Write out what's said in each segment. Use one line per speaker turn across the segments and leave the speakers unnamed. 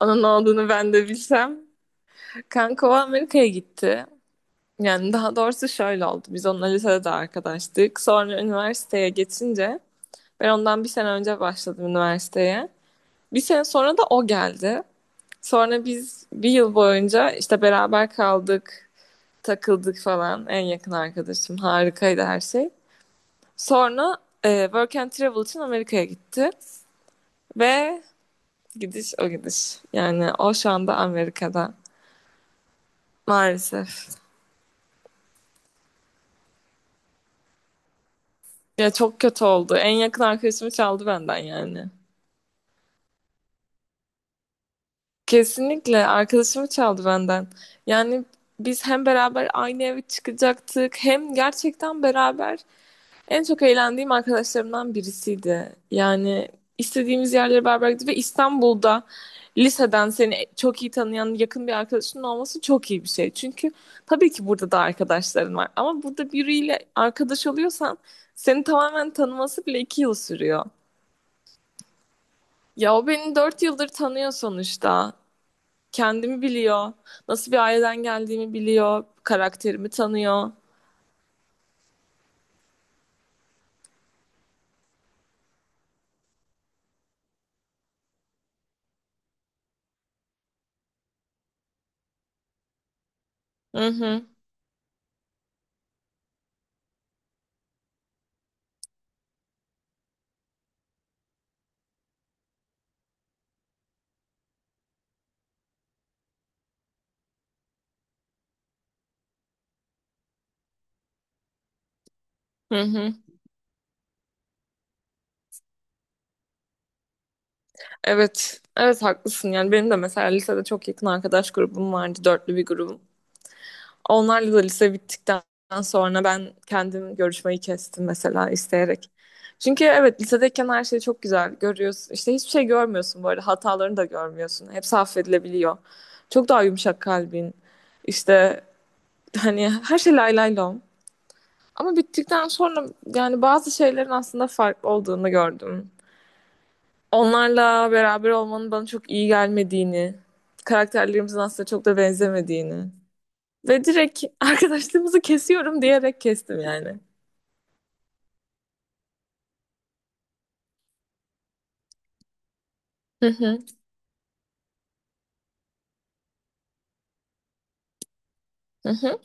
Onun olduğunu ben de bilsem. Kanka o Amerika'ya gitti. Yani daha doğrusu şöyle oldu. Biz onunla lisede de arkadaştık. Sonra üniversiteye geçince ben ondan bir sene önce başladım üniversiteye. Bir sene sonra da o geldi. Sonra biz bir yıl boyunca işte beraber kaldık, takıldık falan. En yakın arkadaşım. Harikaydı her şey. Sonra Work and Travel için Amerika'ya gitti. Ve gidiş o gidiş. Yani o şu anda Amerika'da. Maalesef. Ya çok kötü oldu. En yakın arkadaşımı çaldı benden yani. Kesinlikle arkadaşımı çaldı benden. Yani biz hem beraber aynı eve çıkacaktık hem gerçekten beraber en çok eğlendiğim arkadaşlarımdan birisiydi. Yani istediğimiz yerlere beraber gittik ve İstanbul'da liseden seni çok iyi tanıyan yakın bir arkadaşının olması çok iyi bir şey. Çünkü tabii ki burada da arkadaşların var ama burada biriyle arkadaş oluyorsan seni tamamen tanıması bile iki yıl sürüyor. Ya o beni dört yıldır tanıyor sonuçta. Kendimi biliyor. Nasıl bir aileden geldiğimi biliyor. Karakterimi tanıyor. Hı hı. Hı hı. Evet. Evet haklısın. Yani benim de mesela lisede çok yakın arkadaş grubum vardı. Dörtlü bir grubum. Onlarla da lise bittikten sonra ben kendim görüşmeyi kestim mesela isteyerek. Çünkü evet lisedeyken her şeyi çok güzel görüyorsun. İşte hiçbir şey görmüyorsun bu arada. Hatalarını da görmüyorsun. Hepsi affedilebiliyor. Çok daha yumuşak kalbin. İşte hani her şey lay lay lom. Ama bittikten sonra yani bazı şeylerin aslında farklı olduğunu gördüm. Onlarla beraber olmanın bana çok iyi gelmediğini, karakterlerimizin aslında çok da benzemediğini ve direkt arkadaşlığımızı kesiyorum diyerek kestim yani. Hı hı, hı hı,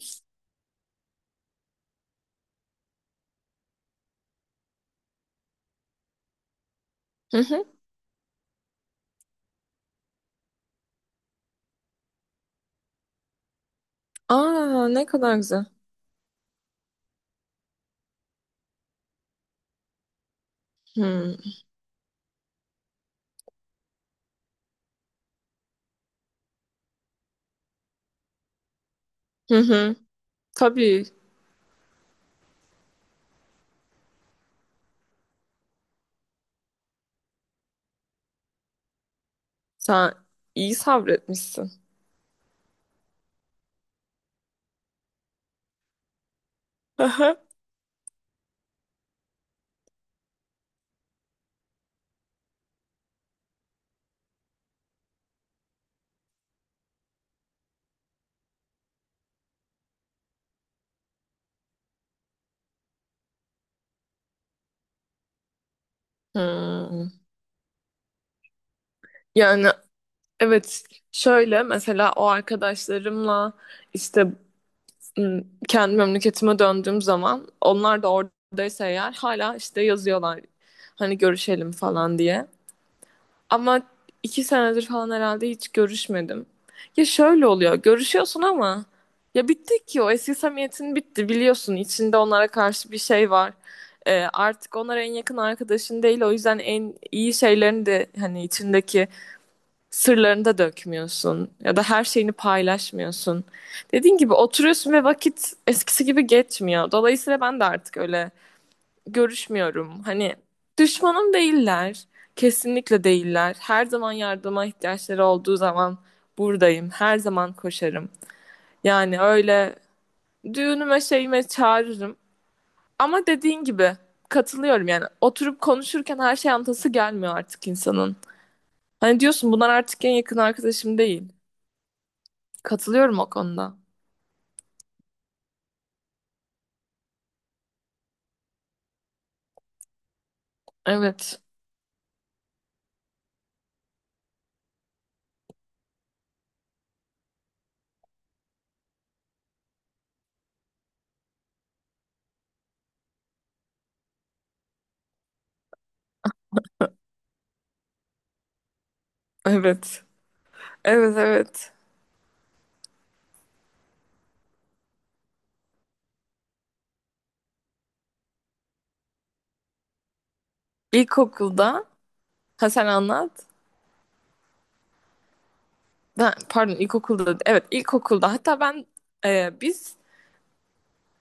hı hı. Aa, ne kadar güzel. Hı hı, hı. Tabii, sen iyi sabretmişsin. Hı hı. Hmm. Yani evet, şöyle mesela o arkadaşlarımla işte kendi memleketime döndüğüm zaman onlar da oradaysa eğer hala işte yazıyorlar hani görüşelim falan diye. Ama iki senedir falan herhalde hiç görüşmedim. Ya şöyle oluyor görüşüyorsun ama ya bitti ki o eski samimiyetin bitti biliyorsun içinde onlara karşı bir şey var. Artık onlar en yakın arkadaşın değil o yüzden en iyi şeylerini de hani içindeki sırlarını da dökmüyorsun ya da her şeyini paylaşmıyorsun. Dediğin gibi oturuyorsun ve vakit eskisi gibi geçmiyor. Dolayısıyla ben de artık öyle görüşmüyorum. Hani düşmanım değiller. Kesinlikle değiller. Her zaman yardıma ihtiyaçları olduğu zaman buradayım. Her zaman koşarım. Yani öyle düğünüme şeyime çağırırım. Ama dediğin gibi katılıyorum yani oturup konuşurken her şey anlatası gelmiyor artık insanın. Hani diyorsun bunlar artık en yakın arkadaşım değil. Katılıyorum o konuda. Evet. Evet. Evet evet. İlkokulda ha sen anlat. Pardon ilkokulda evet ilkokulda hatta ben e, biz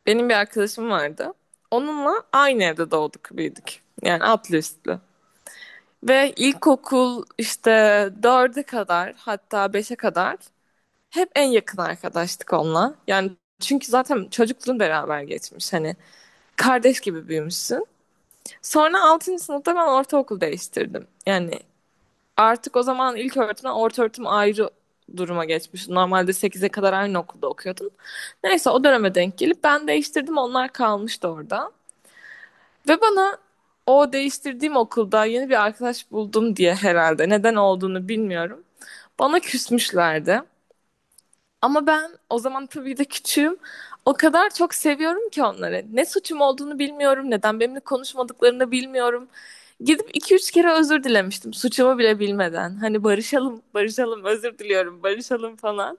benim bir arkadaşım vardı. Onunla aynı evde doğduk büyüdük. Yani altlı üstlü. Ve ilkokul işte dörde kadar hatta beşe kadar hep en yakın arkadaştık onunla. Yani çünkü zaten çocukluğun beraber geçmiş hani kardeş gibi büyümüşsün. Sonra altıncı sınıfta ben ortaokul değiştirdim. Yani artık o zaman ilk öğretimden orta öğretim ayrı duruma geçmiş. Normalde sekize kadar aynı okulda okuyordun. Neyse o döneme denk gelip ben değiştirdim onlar kalmıştı orada. Ve bana o değiştirdiğim okulda yeni bir arkadaş buldum diye herhalde neden olduğunu bilmiyorum. Bana küsmüşlerdi. Ama ben o zaman tabii de küçüğüm. O kadar çok seviyorum ki onları. Ne suçum olduğunu bilmiyorum, neden benimle konuşmadıklarını bilmiyorum. Gidip iki üç kere özür dilemiştim suçumu bile bilmeden. Hani barışalım, barışalım, özür diliyorum, barışalım falan.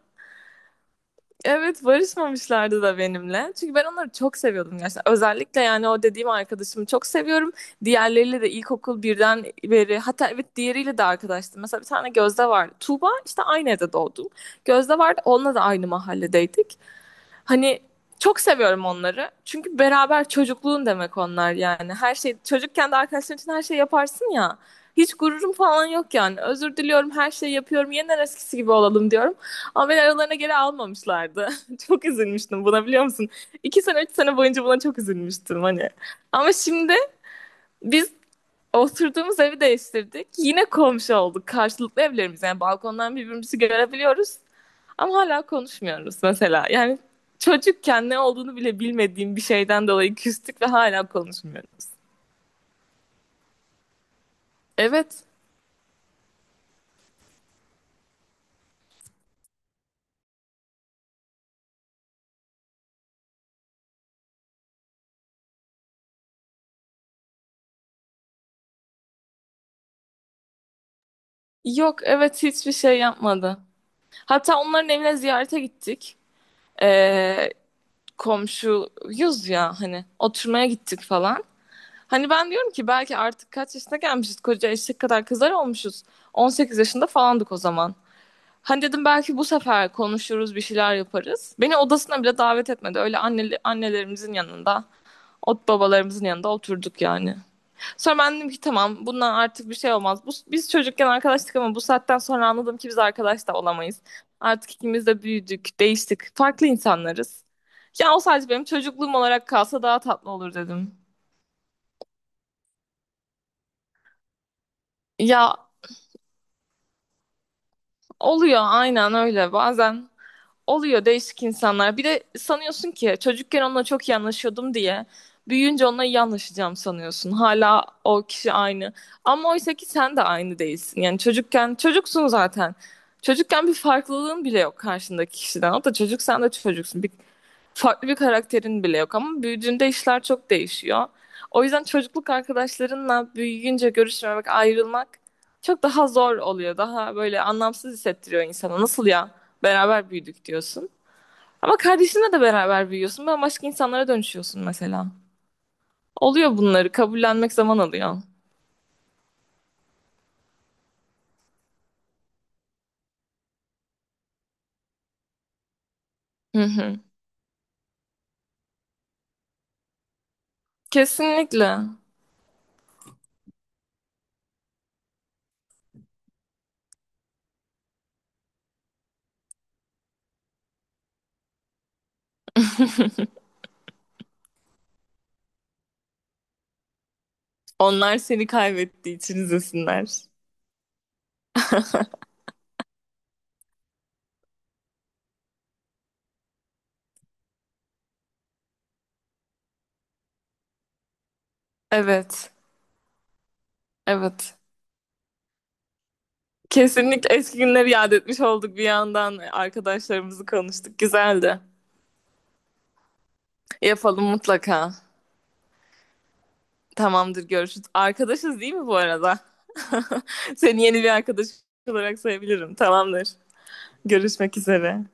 Evet barışmamışlardı da benimle. Çünkü ben onları çok seviyordum gerçekten. Özellikle yani o dediğim arkadaşımı çok seviyorum. Diğerleriyle de ilkokul birden beri hatta evet diğeriyle de arkadaştım. Mesela bir tane Gözde vardı. Tuğba işte aynı evde doğdum. Gözde vardı onunla da aynı mahalledeydik. Hani çok seviyorum onları. Çünkü beraber çocukluğun demek onlar yani. Her şey çocukken de arkadaşların için her şey yaparsın ya. Hiç gururum falan yok yani. Özür diliyorum, her şeyi yapıyorum. Yeniden eskisi gibi olalım diyorum. Ama beni aralarına geri almamışlardı. Çok üzülmüştüm buna biliyor musun? İki sene, üç sene boyunca buna çok üzülmüştüm hani. Ama şimdi biz oturduğumuz evi değiştirdik. Yine komşu olduk. Karşılıklı evlerimiz. Yani balkondan birbirimizi görebiliyoruz. Ama hala konuşmuyoruz mesela. Yani çocukken ne olduğunu bile bilmediğim bir şeyden dolayı küstük ve hala konuşmuyoruz. Evet. Yok evet hiçbir şey yapmadı. Hatta onların evine ziyarete gittik. Ee, komşuyuz ya hani oturmaya gittik falan. Hani ben diyorum ki belki artık kaç yaşına gelmişiz koca eşek kadar kızlar olmuşuz. 18 yaşında falandık o zaman. Hani dedim belki bu sefer konuşuruz bir şeyler yaparız. Beni odasına bile davet etmedi. Öyle annelerimizin yanında, ot babalarımızın yanında oturduk yani. Sonra ben dedim ki tamam bundan artık bir şey olmaz. Biz çocukken arkadaştık ama bu saatten sonra anladım ki biz arkadaş da olamayız. Artık ikimiz de büyüdük, değiştik. Farklı insanlarız. Ya o sadece benim çocukluğum olarak kalsa daha tatlı olur dedim. Ya oluyor aynen öyle. Bazen oluyor değişik insanlar. Bir de sanıyorsun ki çocukken onunla çok iyi anlaşıyordum diye büyüyünce onunla iyi anlaşacağım sanıyorsun. Hala o kişi aynı. Ama oysa ki sen de aynı değilsin. Yani çocukken çocuksun zaten. Çocukken bir farklılığın bile yok karşındaki kişiden. O da çocuk sen de çocuksun. Farklı bir karakterin bile yok ama büyüdüğünde işler çok değişiyor. O yüzden çocukluk arkadaşlarınla büyüyünce görüşmemek, ayrılmak çok daha zor oluyor. Daha böyle anlamsız hissettiriyor insana. Nasıl ya? Beraber büyüdük diyorsun. Ama kardeşinle de beraber büyüyorsun. Bambaşka insanlara dönüşüyorsun mesela. Oluyor bunları. Kabullenmek zaman alıyor. Hı hı. Kesinlikle. Onlar seni kaybettiği için üzülsünler. Evet. Evet. Kesinlikle eski günleri yad etmiş olduk bir yandan. Arkadaşlarımızı konuştuk. Güzeldi. Yapalım mutlaka. Tamamdır görüşürüz. Arkadaşız değil mi bu arada? Seni yeni bir arkadaş olarak sayabilirim. Tamamdır. Görüşmek üzere.